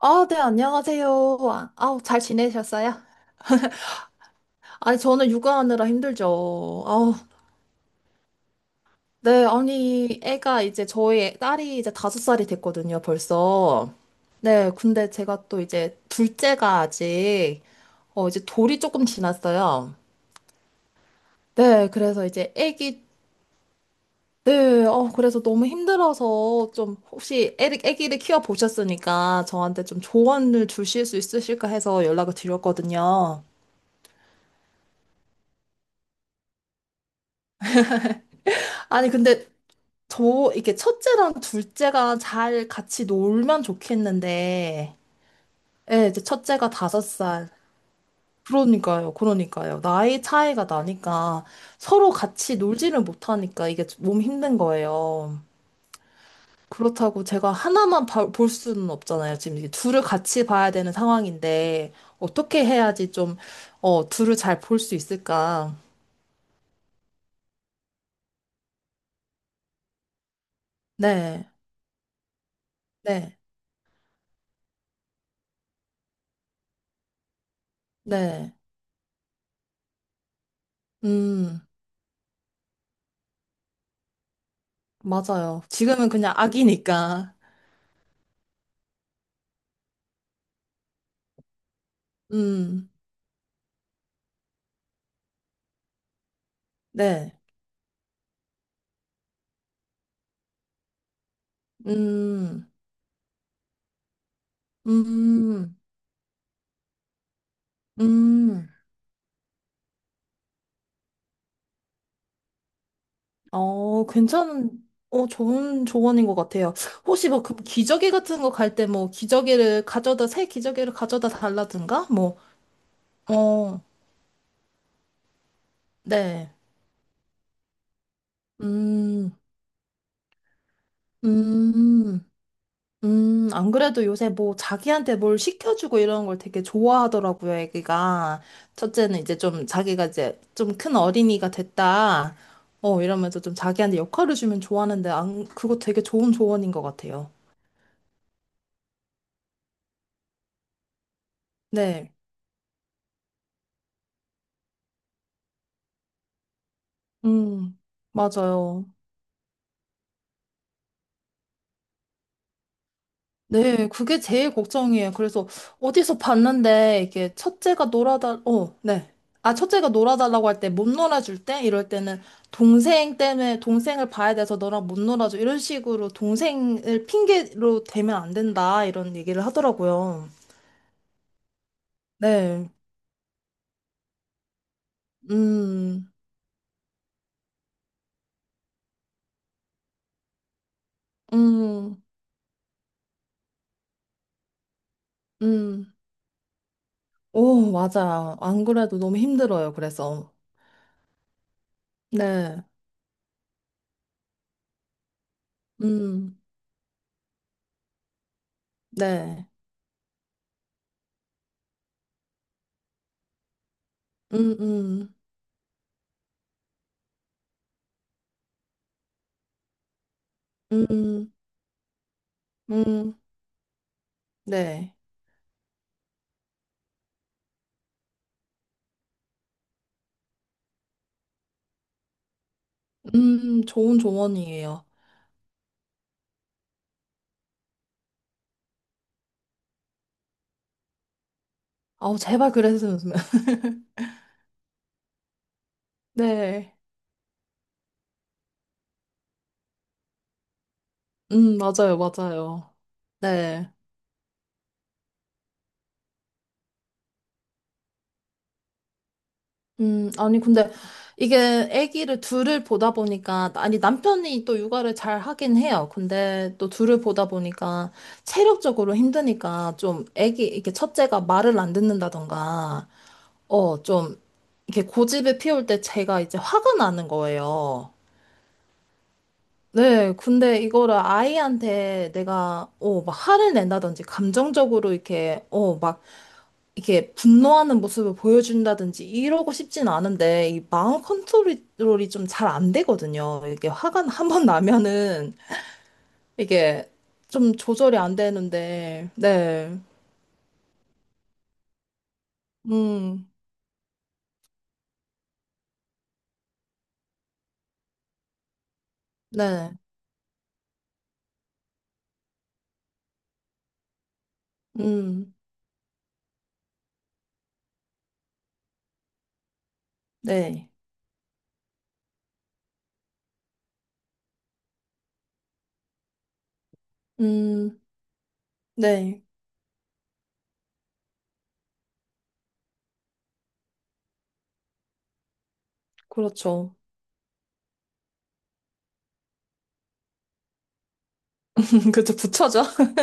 아, 네, 안녕하세요. 아, 아우, 잘 지내셨어요? 아니, 저는 육아하느라 힘들죠. 아우, 네, 아니, 애가 이제 저희 딸이 이제 다섯 살이 됐거든요, 벌써. 네, 근데 제가 또 이제 둘째가 아직, 이제 돌이 조금 지났어요. 네, 그래서 이제 애기, 네, 그래서 너무 힘들어서 좀 혹시 애기를 키워보셨으니까 저한테 좀 조언을 주실 수 있으실까 해서 연락을 드렸거든요. 아니, 근데 저 이렇게 첫째랑 둘째가 잘 같이 놀면 좋겠는데, 예, 이제 첫째가 5살. 그러니까요, 그러니까요. 나이 차이가 나니까 서로 같이 놀지를 못하니까 이게 몸 힘든 거예요. 그렇다고 제가 하나만 볼 수는 없잖아요. 지금 이게 둘을 같이 봐야 되는 상황인데, 어떻게 해야지 좀, 둘을 잘 볼 수 있을까? 네, 네, 네. 음, 맞아요. 지금은 그냥 아기니까. 음. 네. 음, 음, 음. 괜찮은, 좋은 조언인 것 같아요. 혹시 뭐, 그 기저귀 같은 거 갈 때 뭐, 기저귀를 가져다, 새 기저귀를 가져다 달라든가? 뭐, 어, 네. 음, 음. 안 그래도 요새 뭐 자기한테 뭘 시켜주고 이런 걸 되게 좋아하더라고요, 애기가. 첫째는 이제 좀 자기가 이제 좀 큰 어린이가 됐다. 이러면서 좀 자기한테 역할을 주면 좋아하는데, 안, 그거 되게 좋은 조언인 것 같아요. 네. 음, 맞아요. 네, 그게 제일 걱정이에요. 그래서 어디서 봤는데 이게 첫째가 어, 네. 아, 첫째가 놀아달라고 할 때, 못 놀아줄 때? 이럴 때는 동생 때문에 동생을 봐야 돼서 너랑 못 놀아줘. 이런 식으로 동생을 핑계로 대면 안 된다. 이런 얘기를 하더라고요. 네. 음, 음, 음. 오, 맞아요. 안 그래도 너무 힘들어요. 그래서. 네. 음, 네. 음, 음, 음, 음. 네. 좋은 조언이에요. 아우, 제발 그랬으면. 좋겠- 네. 맞아요, 맞아요. 네. 아니, 근데 이게 아기를 둘을 보다 보니까, 아니, 남편이 또 육아를 잘 하긴 해요. 근데 또 둘을 보다 보니까 체력적으로 힘드니까 좀 아기, 이렇게 첫째가 말을 안 듣는다던가, 좀 이렇게 고집을 피울 때 제가 이제 화가 나는 거예요. 네, 근데 이거를 아이한테 내가, 막 화를 낸다든지, 감정적으로 이렇게, 막, 이렇게 분노하는 모습을 보여준다든지, 이러고 싶진 않은데, 이 마음 컨트롤이 좀 잘 안 되거든요. 이게 화가 한 번 나면은, 이게 좀 조절이 안 되는데, 네, 음, 네, 음, 네, 음, 네, 그렇죠. 그렇죠, 부처죠.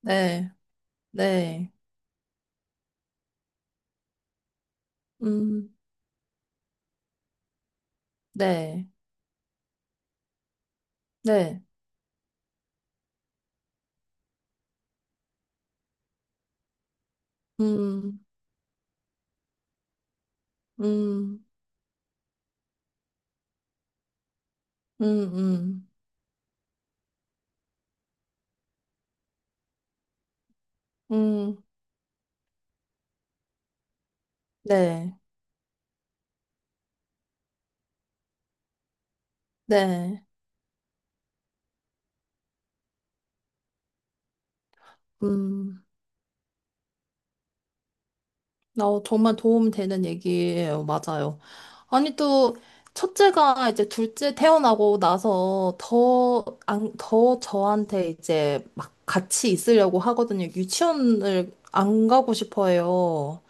네, 네, 음, 네, 네. 음, 음, 음, 음, 음, 네, 네, 음, 정말 도움 되는 얘기예요. 맞아요. 아니, 또, 첫째가 이제 둘째 태어나고 나서 더, 안, 더 저한테 이제 막 같이 있으려고 하거든요. 유치원을 안 가고 싶어 해요.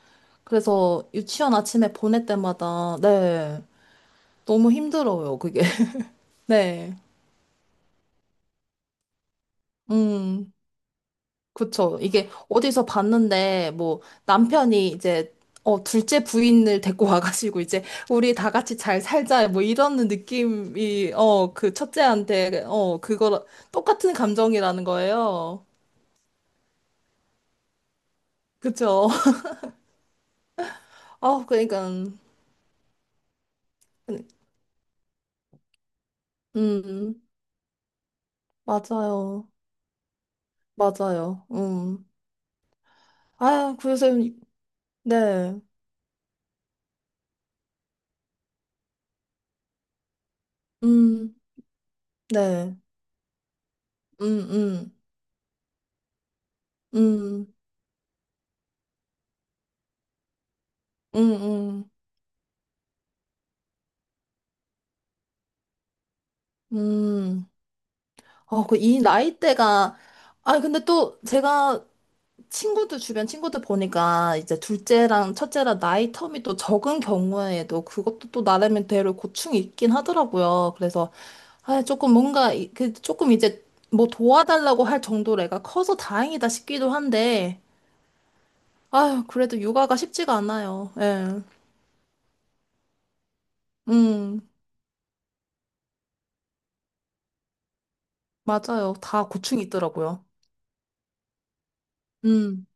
그래서 유치원 아침에 보낼 때마다, 네, 너무 힘들어요, 그게. 네, 음. 그쵸. 이게 어디서 봤는데, 뭐, 남편이 이제, 둘째 부인을 데리고 와가지고, 이제, 우리 다 같이 잘 살자, 뭐, 이런 느낌이, 그 첫째한테, 그거, 똑같은 감정이라는 거예요. 그쵸. 아, 그러니까, 음, 맞아요. 맞아요. 음. 아, 그래서, 네. 음, 네. 음, 음, 음, 음, 음, 음. 그 이 나이대가, 아, 근데 또 제가 친구들, 주변 친구들 보니까 이제 둘째랑 첫째랑 나이 텀이 또 적은 경우에도 그것도 또 나름대로 고충이 있긴 하더라고요. 그래서, 아, 조금 뭔가, 그 조금 이제 뭐 도와달라고 할 정도로 애가 커서 다행이다 싶기도 한데, 아유, 그래도 육아가 쉽지가 않아요. 예. 음, 맞아요. 다 고충이 있더라고요. 음,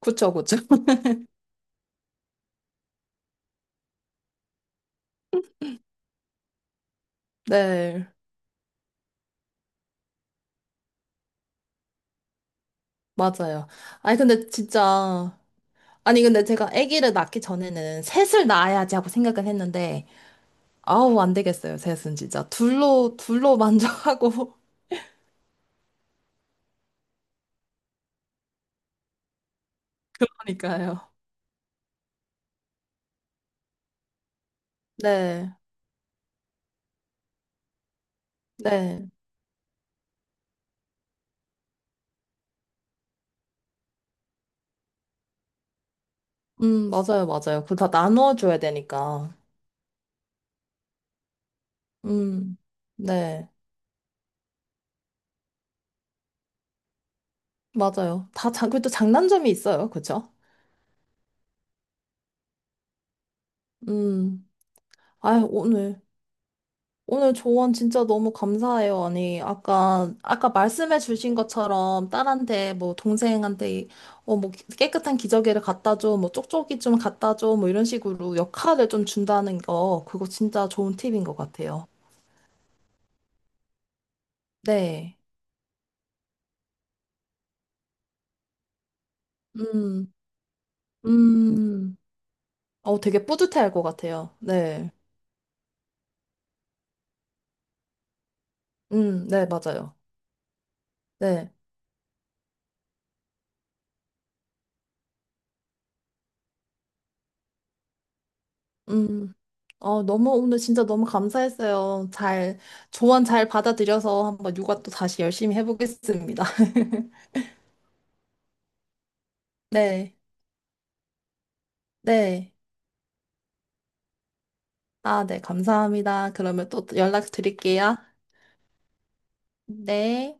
그쵸, 그쵸. 네, 맞아요. 아니, 근데 진짜. 아니, 근데 제가 아기를 낳기 전에는 셋을 낳아야지 하고 생각은 했는데, 아우, 안 되겠어요, 셋은 진짜. 둘로, 둘로 만족하고. 그러니까요. 네, 네. 맞아요, 맞아요. 그거 다 나눠줘야 되니까. 음, 네. 맞아요. 다, 자, 그래도 장단점이 있어요. 그죠? 음. 아유, 오늘. 오늘 조언 진짜 너무 감사해요. 아니, 아까 말씀해 주신 것처럼 딸한테, 뭐, 동생한테, 뭐, 깨끗한 기저귀를 갖다 줘, 뭐, 쪽쪽이 좀 갖다 줘, 뭐, 이런 식으로 역할을 좀 준다는 거, 그거 진짜 좋은 팁인 것 같아요. 네. 음, 음, 되게 뿌듯해 할 것 같아요. 네. 네, 맞아요. 네. 음, 너무, 오늘 진짜 너무 감사했어요. 잘, 조언 잘 받아들여서 한번 육아 또 다시 열심히 해보겠습니다. 네, 네. 아, 네, 감사합니다. 그러면 또 연락 드릴게요. 네.